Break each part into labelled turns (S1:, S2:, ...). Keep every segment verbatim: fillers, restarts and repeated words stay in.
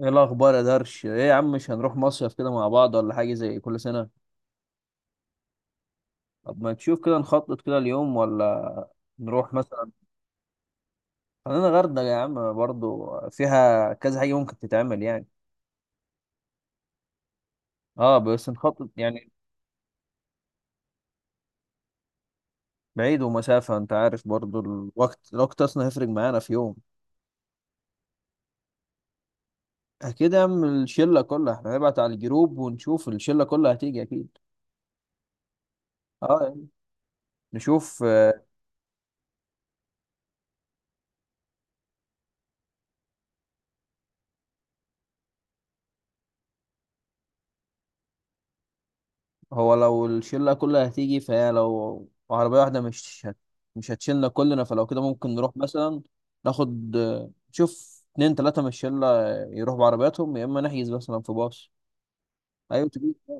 S1: ايه الاخبار يا درش؟ ايه يا عم، مش هنروح مصيف كده مع بعض ولا حاجه زي كل سنه؟ طب ما تشوف كده نخطط كده اليوم، ولا نروح مثلا. خلينا غردقه يا عم، برضو فيها كذا حاجه ممكن تتعمل يعني. اه، بس نخطط يعني. بعيد ومسافه، انت عارف، برضو الوقت الوقت اصلا هيفرق معانا في يوم. اكيد يا عم، الشله كلها. احنا هنبعت على الجروب ونشوف الشله كلها هتيجي اكيد. اه. نشوف. هو لو الشلة كلها هتيجي، فهي لو عربية واحدة مش هت... مش هتشيلنا كلنا، فلو كده ممكن نروح مثلا. ناخد، نشوف اتنين تلاتة من الشلة يروحوا بعربياتهم، يا إما نحجز مثلا في باص. أيوة تبقى.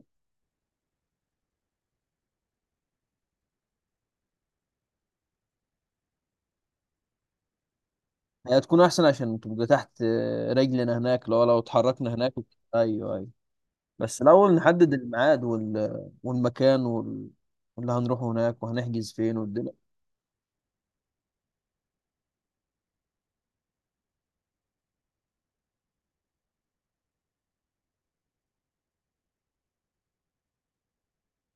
S1: هي تكون أحسن عشان تبقى تحت رجلنا هناك، لو لو اتحركنا هناك وك- أيوة أيوة. بس الأول نحدد الميعاد وال... والمكان وال... واللي هنروحه هناك، وهنحجز فين والدنيا.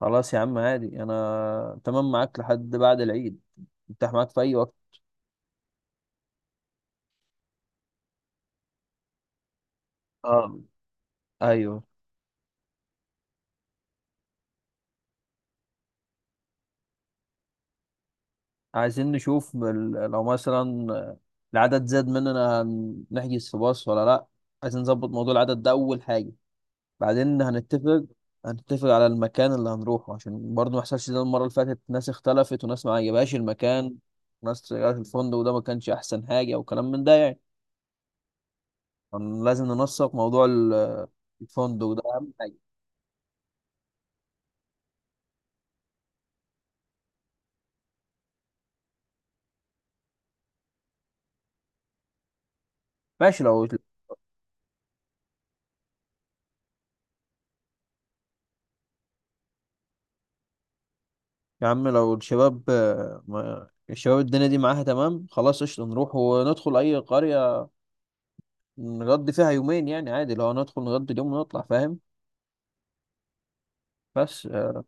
S1: خلاص يا عم، عادي، أنا تمام معاك لحد بعد العيد. متاح معاك في أي وقت. اه. ايوه. عايزين نشوف ال- لو مثلا العدد زاد مننا هن- نحجز في باص ولا لا. عايزين نظبط موضوع العدد ده اول حاجه. بعدين هنتفق هنتفق على المكان اللي هنروحه، عشان برضه ما يحصلش زي المره اللي فاتت: ناس اختلفت وناس ما عجبهاش المكان، وناس شغاله في الفندق، وده ما كانش احسن حاجه، وكلام من ده يعني. فن- لازم ننسق موضوع ال- الفندق، ده اهم حاجه. ماشي لو. يا عم لو الشباب آه، ما- الشباب، الدنيا دي معاها تمام، خلاص قشطة نروح وندخل أي قرية نقضي فيها يومين، يعني عادي لو ندخل نقضي اليوم ونطلع فاهم. بس آه،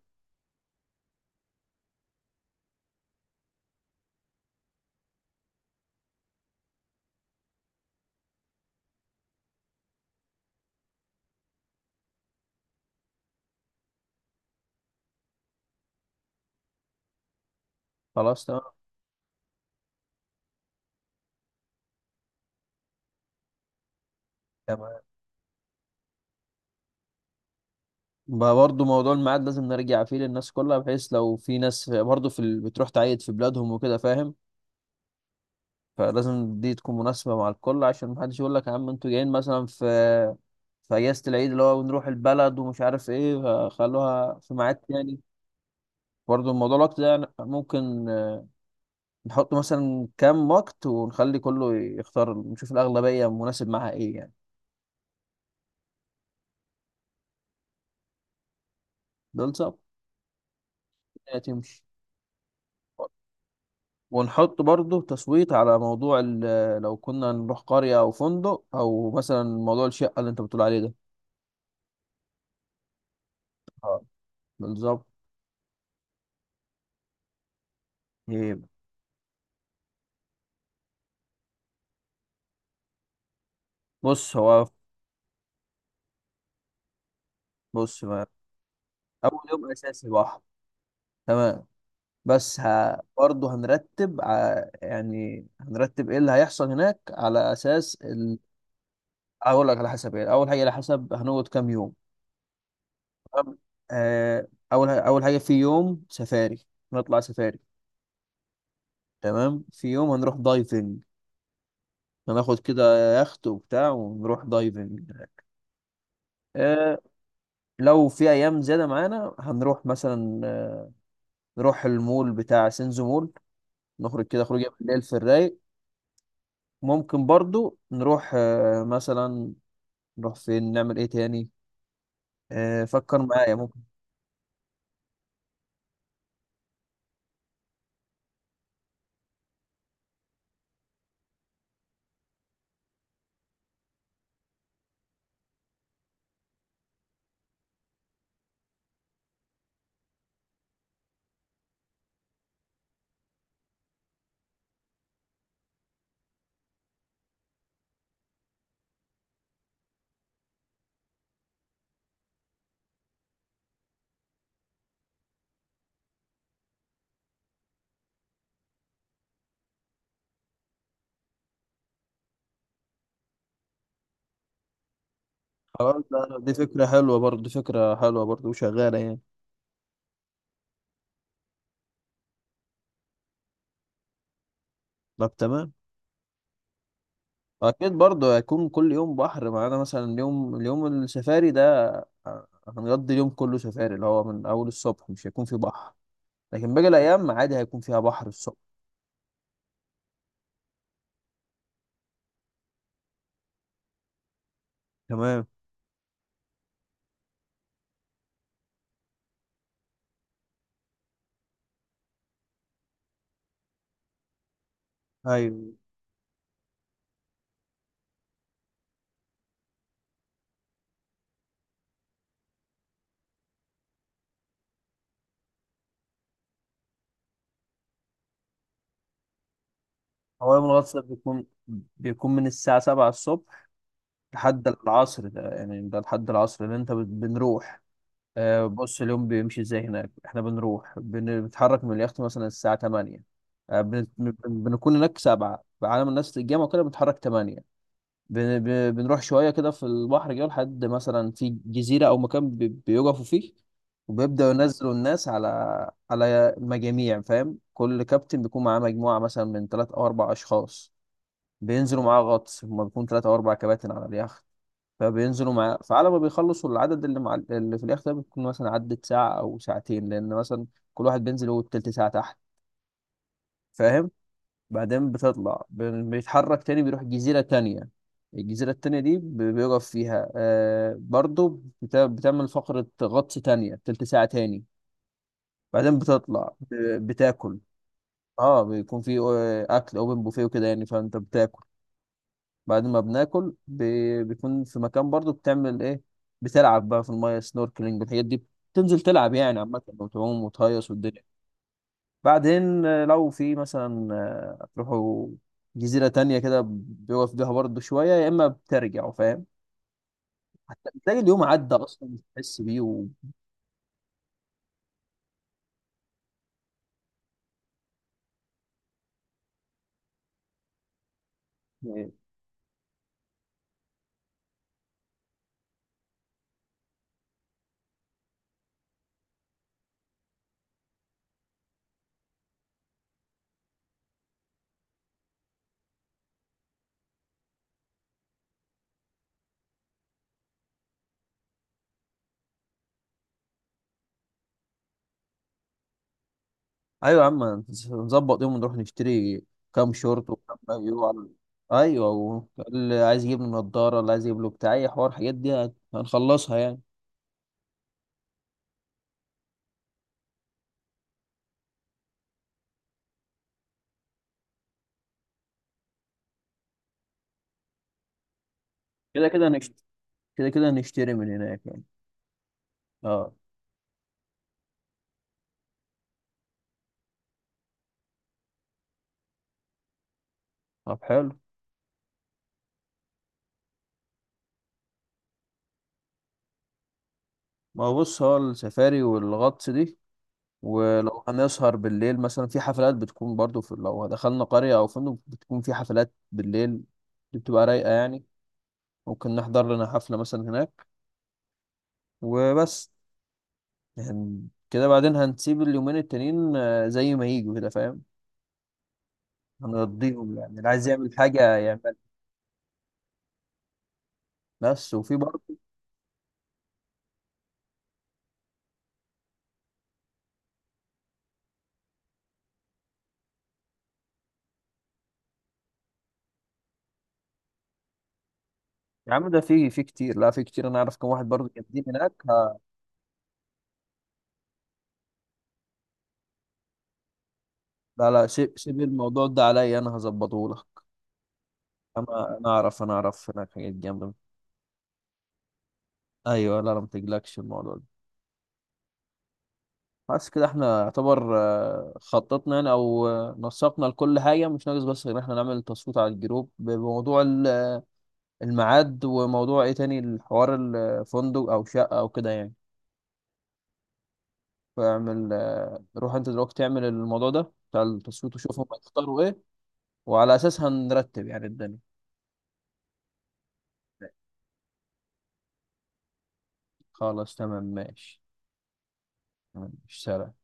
S1: خلاص. تمام. تمام. بقى برضه موضوع الميعاد لازم نرجع فيه للناس كلها، بحيث لو في ناس برضه في ال... بتروح تعيد في بلادهم وكده فاهم. فلازم دي تكون مناسبة مع الكل، عشان محدش يقول لك يا عم انتوا جايين مثلا في في أجازة العيد، اللي هو نروح البلد ومش عارف ايه. فخلوها في ميعاد تاني. برضه الموضوع الوقت ده، يعني ممكن آه، نحط مثلا كام وقت ونخلي كله يختار، نشوف الأغلبية مناسب معاها ايه يعني. دول صعب تمشي. ونحط برضه تصويت على موضوع ال- لو كنا نروح قرية أو فندق، أو مثلا موضوع الشقة اللي أنت بتقول عليه ده. اه، بالظبط. إيه، بص هو. بص ما. أول يوم أساسي بحر. تمام. بس ه... برضه هنرتب ع... يعني هنرتب إيه اللي هيحصل هناك على أساس ال... أقول لك على حسب إيه. أول حاجة، على حسب هنقعد كام يوم. تمام. آه، أول ح- أول حاجة في يوم سفاري. نطلع سفاري. تمام. في يوم هنروح دايفنج، هناخد كده يخت وبتاع ونروح دايفنج. آه. لو في ايام زياده معانا هنروح مثلا آه نروح المول بتاع سينزو مول، نخرج كده خروجه بالليل في الرايق. ممكن برضو نروح آه مثلا، نروح فين نعمل ايه تاني. آه فكر معايا ممكن. خلاص ده- دي فكره حلوه برضو، دي فكره حلوه برضو وشغاله يعني. طب تمام. اكيد برضو هيكون كل يوم بحر معانا. مثلا اليوم اليوم السفاري ده آه، هنقضي اليوم كله سفاري، اللي هو من اول الصبح مش هيكون في بحر. لكن باقي الايام عادي هيكون فيها بحر الصبح. تمام. ايوه. هو يوم الغطس ده بيكون بيكون من الساعه سبعة الصبح لحد العصر ده، يعني ده لحد العصر اللي انت بت- بنروح. آه، بص اليوم بيمشي ازاي هناك: احنا بنروح، بن- بنتحرك من اليخت مثلا الساعه تمانية. آه، بن- بن- بنكون هناك سبعة بعالم الناس الجامعة وكده، بنتحرك تمانية. بن- بن- بنروح شوية كده في البحر كده، لحد مثلا في جزيرة أو مكان بي- بيقفوا فيه، وبيبدأوا ينزلوا الناس على على مجاميع فاهم. كل كابتن بيكون معاه مجموعة مثلا من تلات أو أربع أشخاص، بينزلوا معاه غطس. هما بيكون تلات أو أربع كباتن على اليخت، فبينزلوا معاه. فعلى ما بيخلصوا العدد اللي مع اللي في اليخت ده، بيكون مثلا عدت ساعة أو ساعتين، لأن مثلا كل واحد بينزل هو التلت ساعة تحت فاهم. بعدين بتطلع ب- بيتحرك تاني، بيروح جزيرة تانية. الجزيرة التانية دي ب- بيقف فيها آه برضو، بت- بتعمل فقرة غطس تانية تلت ساعة تاني. بعدين بتطلع ب- بتاكل. اه، بيكون في آه، أكل أوبن بوفيه وكده يعني، فأنت بتاكل. بعد ما بناكل ب- بيكون في مكان برضو، بتعمل إيه؟ بتلعب بقى في المايه سنوركلينج والحاجات دي. بتنزل تلعب يعني عامة، وتعوم وتهيص والدنيا. بعدين آه، لو في مثلا آه، تروحوا جزيرة تانية كده، بيقف بيها برضه شوية، يا إما بترجعوا فاهم. تلاقي اليوم عدى أصلا مش تحس بيه و... آه، أيوة يا عم، نظبط يوم ونروح نشتري كام شورت وكام مايو على. أيوة و- اللي عايز يجيب له نضارة، اللي عايز يجيب له بتاع أي حوار، الحاجات دي هت- هنخلصها يعني. كده كده نشتري كده كده نشتري من هناك يعني. أه. طب حلو. ما هو بص، هو السفاري والغطس دي، ولو هنسهر بالليل مثلا في حفلات بتكون برضو، في لو دخلنا قرية أو فندق بتكون في حفلات بالليل، دي بتبقى رايقة يعني. ممكن نحضر لنا حفلة مثلا هناك وبس. يعني كده بعدين هنسيب اليومين التانيين آه، زي ما يجوا كده فاهم. هنرضيهم يعني، اللي عايز يعمل حاجة يعمل. بس وفي برضه. يا عم ده في في كتير، لا في كتير. أنا أعرف كم واحد برضه جامدين هناك ه- لا لا، سيب سيب الموضوع ده عليا، أنا هظبطه لك. أنا أنا أعرف، أنا أعرف هناك حاجات جامدة. أيوه لا لا، ما تقلقش الموضوع ده. بس كده احنا يعتبر آه، خططنا يعني، او آه، نسقنا لكل حاجه مش ناقص، بس غير ان احنا نعمل تصويت على الجروب بموضوع ال- آه، الميعاد، وموضوع ايه تاني الحوار، الفندق او شقه او كده يعني. فاعمل آه، روح انت دلوقتي تعمل الموضوع ده بتاع التصويت وشوف هم هيختاروا ايه، وعلى اساسها نرتب يعني الدنيا. خلاص تمام ماشي. تمام، ماشي سلام.